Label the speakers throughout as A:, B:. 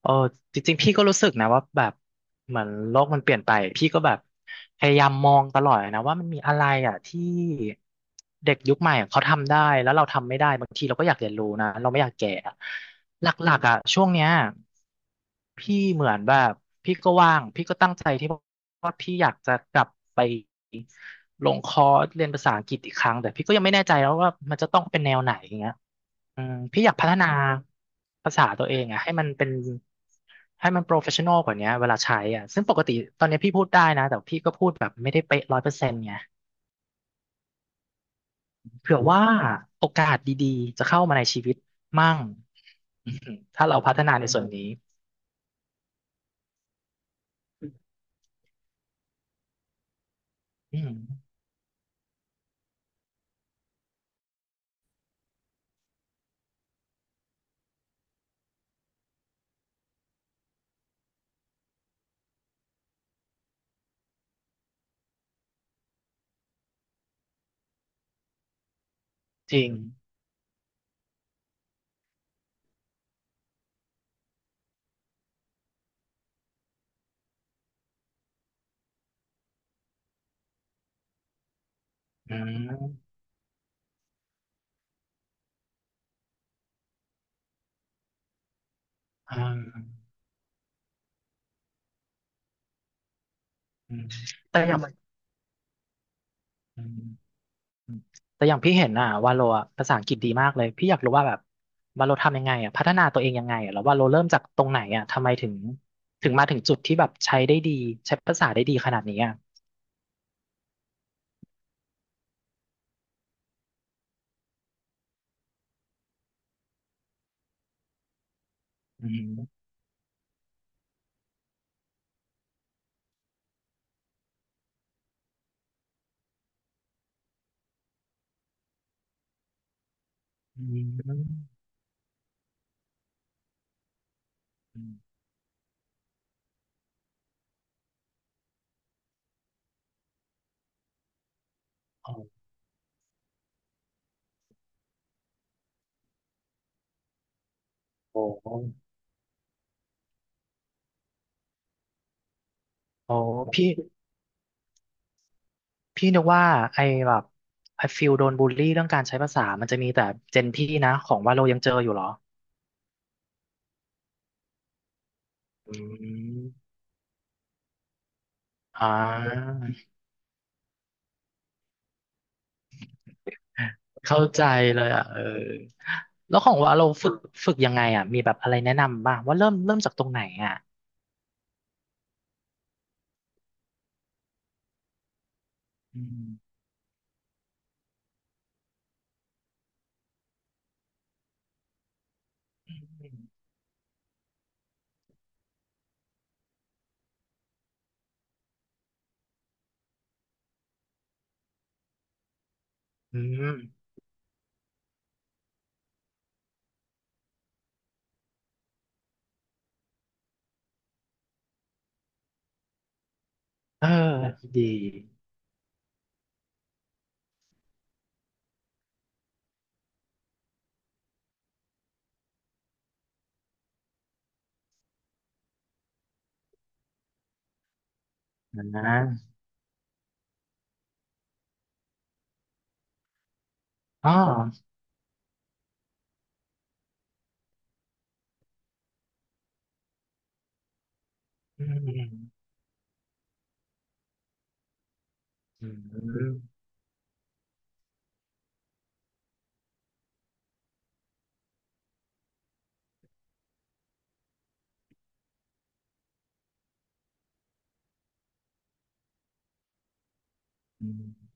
A: เออจริงๆพี่ก็รู้สึกนะว่าแบบเหมือนโลกมันเปลี่ยนไปพี่ก็แบบพยายามมองตลอดนะว่ามันมีอะไรอ่ะที่เด็กยุคใหม่เขาทำได้แล้วเราทำไม่ได้บางทีเราก็อยากเรียนรู้นะเราไม่อยากแก่อะหลักๆอ่ะช่วงเนี้ยพี่เหมือนแบบพี่ก็ว่างพี่ก็ตั้งใจที่ว่าพี่อยากจะกลับไปลงคอร์สเรียนภาษาอังกฤษอีกครั้งแต่พี่ก็ยังไม่แน่ใจแล้วว่ามันจะต้องเป็นแนวไหนอย่างเงี้ย อืมพี่อยากพัฒนาภาษาตัวเองอะให้มันเป็นให้มันโปรเฟชชั่นอลกว่านี้เวลาใช้อ่ะซึ่งปกติตอนนี้พี่พูดได้นะแต่พี่ก็พูดแบบไม่ได้เป๊ะ100%ไงเผื่อว่าโอกาสดีๆจะเข้ามาในชีวิตมั่งอืมถ้าเราพัฒนาในส่วนนี้อืมจริงอืมอ่าอืมแต่อย่างอืม อืมแต่อย่างพี่เห็นอ่ะวาโลอะภาษาอังกฤษดีมากเลยพี่อยากรู้ว่าแบบวาโลทำยังไงอ่ะพัฒนาตัวเองยังไงอ่ะแล้ววาโลเริ่มจากตรงไหนอ่ะทำไมถึงมาถึงจุดที่แบบใช้ได้ดีใช้ภาษาได้ดีขนาดนี้อ่ะอืมอืมอืมโอ้โหโอ้พี่พี่นึกว่าไอ้แบบไอ้ฟิลโดนบูลลี่เรื่องการใช้ภาษามันจะมีแต่เจนพี่นะของวาโลยังเจออยู่เหรออืมอ่า เข้าใจเลยอ่ะเออแล้วของว่าเราฝึกยังไงอ่ะมีแบบอะไรแนะนำบ้างว่าเริ่มจากตรงไหนอ่ะอืมอืมเออดีนะอ๋ออืมอืมอืมอ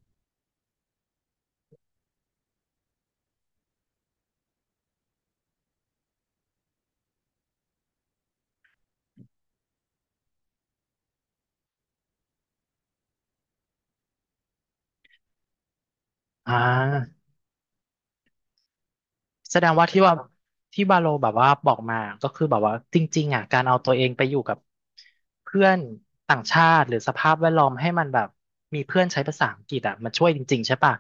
A: ่าแสดงว่าที่ว่าที่บาโลแบบว่าบอกมาก็คือแบบว่าจริงๆอ่ะการเอาตัวเองไปอยู่กับเพื่อนต่างชาติหรือสภาพแวดล้อมให้มันแบบมีเพื่อนใช้ภาษาอังกฤษอ่ะมันช่วยจริงๆใช่ป่ะ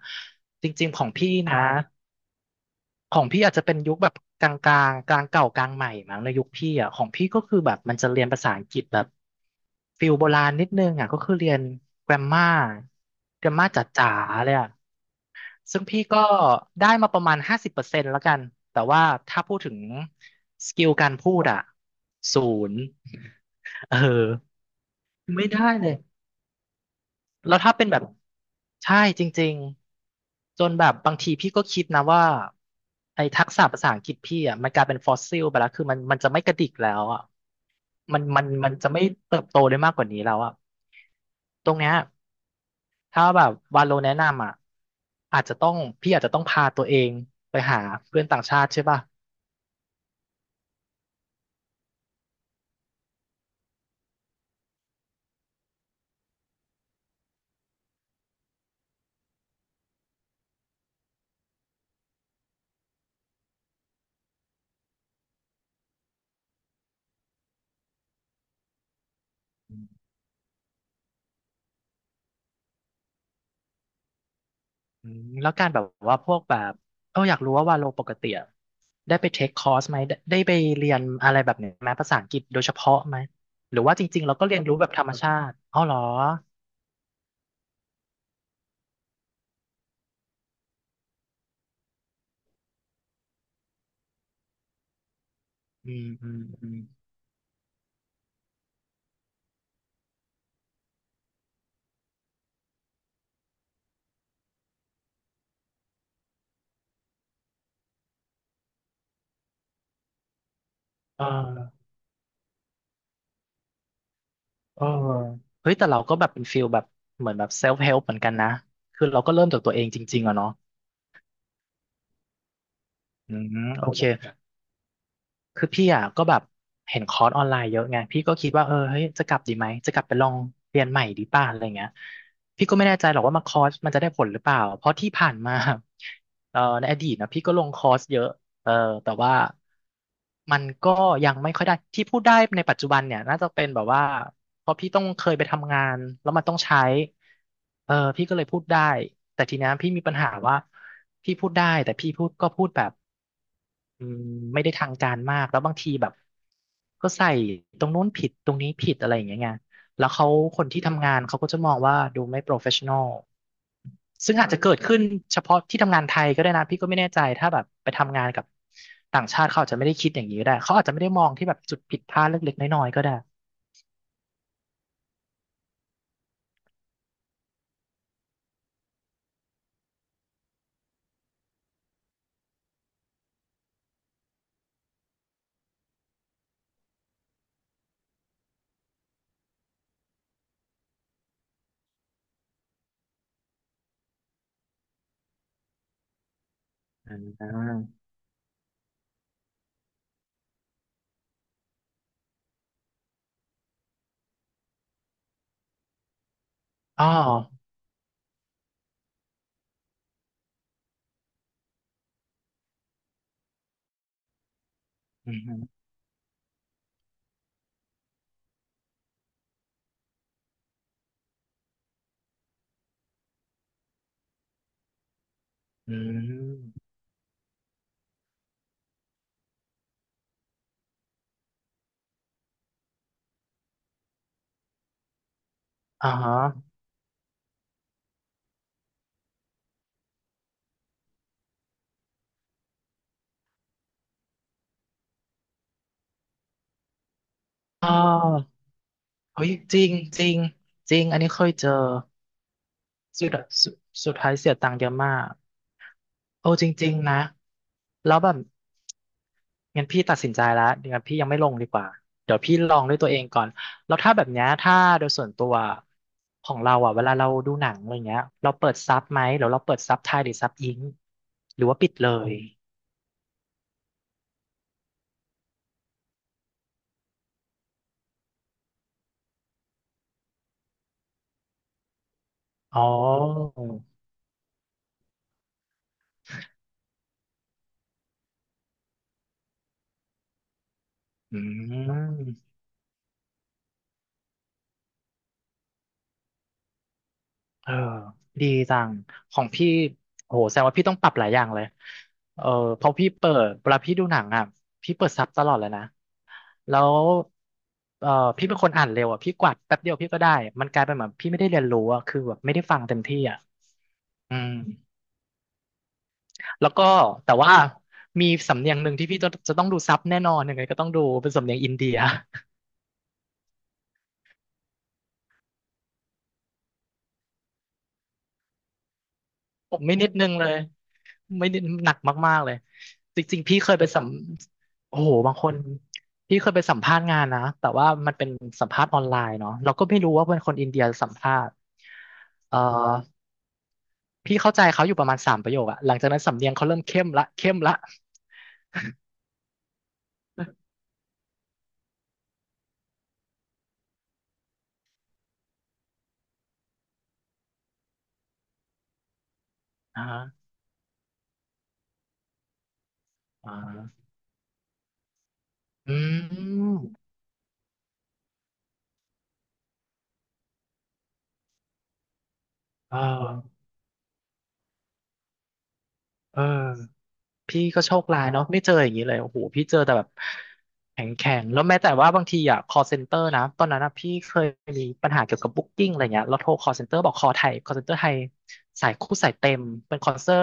A: จริงๆของพี่นะ ของพี่อาจจะเป็นยุคแบบกลางเก่ากลางใหม่มั้งในยุคพี่อ่ะของพี่ก็คือแบบมันจะเรียนภาษาอังกฤษแบบฟิลโบราณนิดนึงอ่ะก็คือเรียนแกรมมาแกรมมาจ๋าๆเลยอ่ะซึ่งพี่ก็ได้มาประมาณ50%แล้วกันแต่ว่าถ้าพูดถึงสกิลการพูดอ่ะศูนย์เออไม่ได้เลย แล้วถ้าเป็นแบบใช่จริงๆจนแบบบางทีพี่ก็คิดนะว่าไอ้ทักษะภาษาอังกฤษพี่อ่ะมันกลายเป็นฟอสซิลไปแล้วคือมันจะไม่กระดิกแล้วอ่ะมันจะไม่เติบโตได้มากกว่านี้แล้วอ่ะตรงเนี้ยถ้าแบบวาโลแนะนำอ่ะอาจจะต้องพี่อาจจะต้องพาตัวเองไปหาเพื่อนต่างชาติใช่ป่ะ อืมแล้วการแบบว่าพวกแบบเอออยากรู้ว่าวาโลปกติอะได้ไปเทคคอร์สไหมได้ไปเรียนอะไรแบบเนี้ยไหมภาษาอังกฤษโดยเฉพาะไหมหรือว่าจริงๆเราก็เรียนรู้แบบธรรมชาติอ๋อเหรออืมอืมอืมเออเออเฮ้ยแต่เราก็แบบเป็นฟิลแบบเหมือนแบบเซลฟ์เฮลป์เหมือนกันนะคือเราก็เริ่มจากตัวเองจริงๆอะเนาะอืมโอเค คือพี่อ่ะก็แบบเห็นคอร์สออนไลน์เยอะไงพี่ก็คิดว่าเออเฮ้ยจะกลับดีไหมจะกลับไปลองเรียนใหม่ดีป่ะอะไรเงี้ยพี่ก็ไม่แน่ใจหรอกว่ามาคอร์สมันจะได้ผลหรือเปล่าเพราะที่ผ่านมา ในอดีตนะพี่ก็ลงคอร์สเยอะ เออแต่ว่ามันก็ยังไม่ค่อยได้ที่พูดได้ในปัจจุบันเนี่ยน่าจะเป็นแบบว่าเพราะพี่ต้องเคยไปทำงานแล้วมันต้องใช้เออพี่ก็เลยพูดได้แต่ทีเนี้ยพี่มีปัญหาว่าพี่พูดได้แต่พี่พูดก็พูดแบบอืมไม่ได้ทางการมากแล้วบางทีแบบก็ใส่ตรงนู้นผิดตรงนี้ผิดอะไรอย่างเงี้ยไง แล้วเขาคนที่ทำงานเขาก็จะมองว่าดูไม่โปรเฟชชั่นอลซึ่งอาจจะเกิดขึ้นเฉพาะที่ทำงานไทยก็ได้นะพี่ก็ไม่แน่ใจถ้าแบบไปทำงานกับต่างชาติเขาอาจจะไม่ได้คิดอย่างนี้ก็ได้เขาอาจจะไม่ได้มองที่แบบจุดผิดพลาดเล็กๆน้อยๆก็ได้อ๋ออืมอืมอ๋ออ๋อเฮ้ยจริงจริงจริงอันนี้เคยเจอสุดสุดสุดท้ายเสียตังค์เยอะมากโอ้จริงๆนะแล้วแบบ งั้นพี่ตัดสินใจแล้วเดี๋ยวพี่ยังไม่ลงดีกว่าเดี๋ยวพี่ลองด้วยตัวเองก่อนแล้วถ้าแบบเนี้ยถ้าโดยส่วนตัวของเราอ่ะเวลาเราดูหนังอะไรเงี้ยเราเปิดซับไหมหรือเราเปิดซับไทยหรือซับอิงหรือว่าปิดเลยอ๋ออืม เออดีจังของพี่โหแสดงว่าพี่ต้องปรับหลายอย่างเลยเออเพราะพี่เปิดเวลาพี่ดูหนังอ่ะพี่เปิดซับตลอดเลยนะแล้วเออพี่เป็นคนอ่านเร็วอ่ะพี่กวาดแป๊บเดียวพี่ก็ได้มันกลายเป็นแบบพี่ไม่ได้เรียนรู้อ่ะคือแบบไม่ได้ฟังเต็มที่อ่ะอืมแล้วก็แต่ว่ามีสำเนียงหนึ่งที่พี่จะต้องดูซับแน่นอนยังไงก็ต้องดูเป็นสำเนียงอินเดีย ผมไม่นิดนึงเลยไม่นิดหนักมากๆเลยจริงๆพี่เคยไปสัมโอ้โหบางคนพี่เคยไปสัมภาษณ์งานนะแต่ว่ามันเป็นสัมภาษณ์ออนไลน์เนาะเราก็ไม่รู้ว่าเป็นคนอินเดียสัมภาษณ์เอ่อพี่เข้าใจเขาอยู่ประมาณสามประโยคอะหลังจากนั้นสำเนียงเขาเริ่มเข้มละเข้มละอ่าฮะอ่าอืมเออเออ พี่ก็โชคร้ายเนาะไม่เจออย่างนี้เลยโอ้โหพี่เจอแต่แบบแข็งแข็งแล้วแม้แต่ว่าบางทีอ่ะ call center นะตอนนั้นอะพี่เคยมีปัญหาเกี่ยวกับบุ๊กก ing อะไรเงี้ยแล้วโทร call center บอก call ไทย call center ไทยสายคู่สายเต็มเป็น call center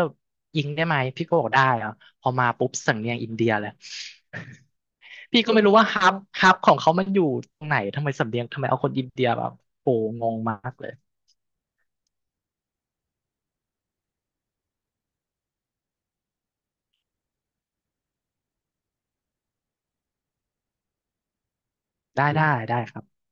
A: ยิงได้ไหมพี่ก็บอกได้อ่ะพอมาปุ๊บสำเนียงอินเดียเลยพี่ก็ไม่รู้ว่าฮับของเขามันอยู่ตรงไหนทำไมสำเนียงทำไมเอาคนอินเดียแบบโอ้โหงงมากเลยได้ได้ได้ครับ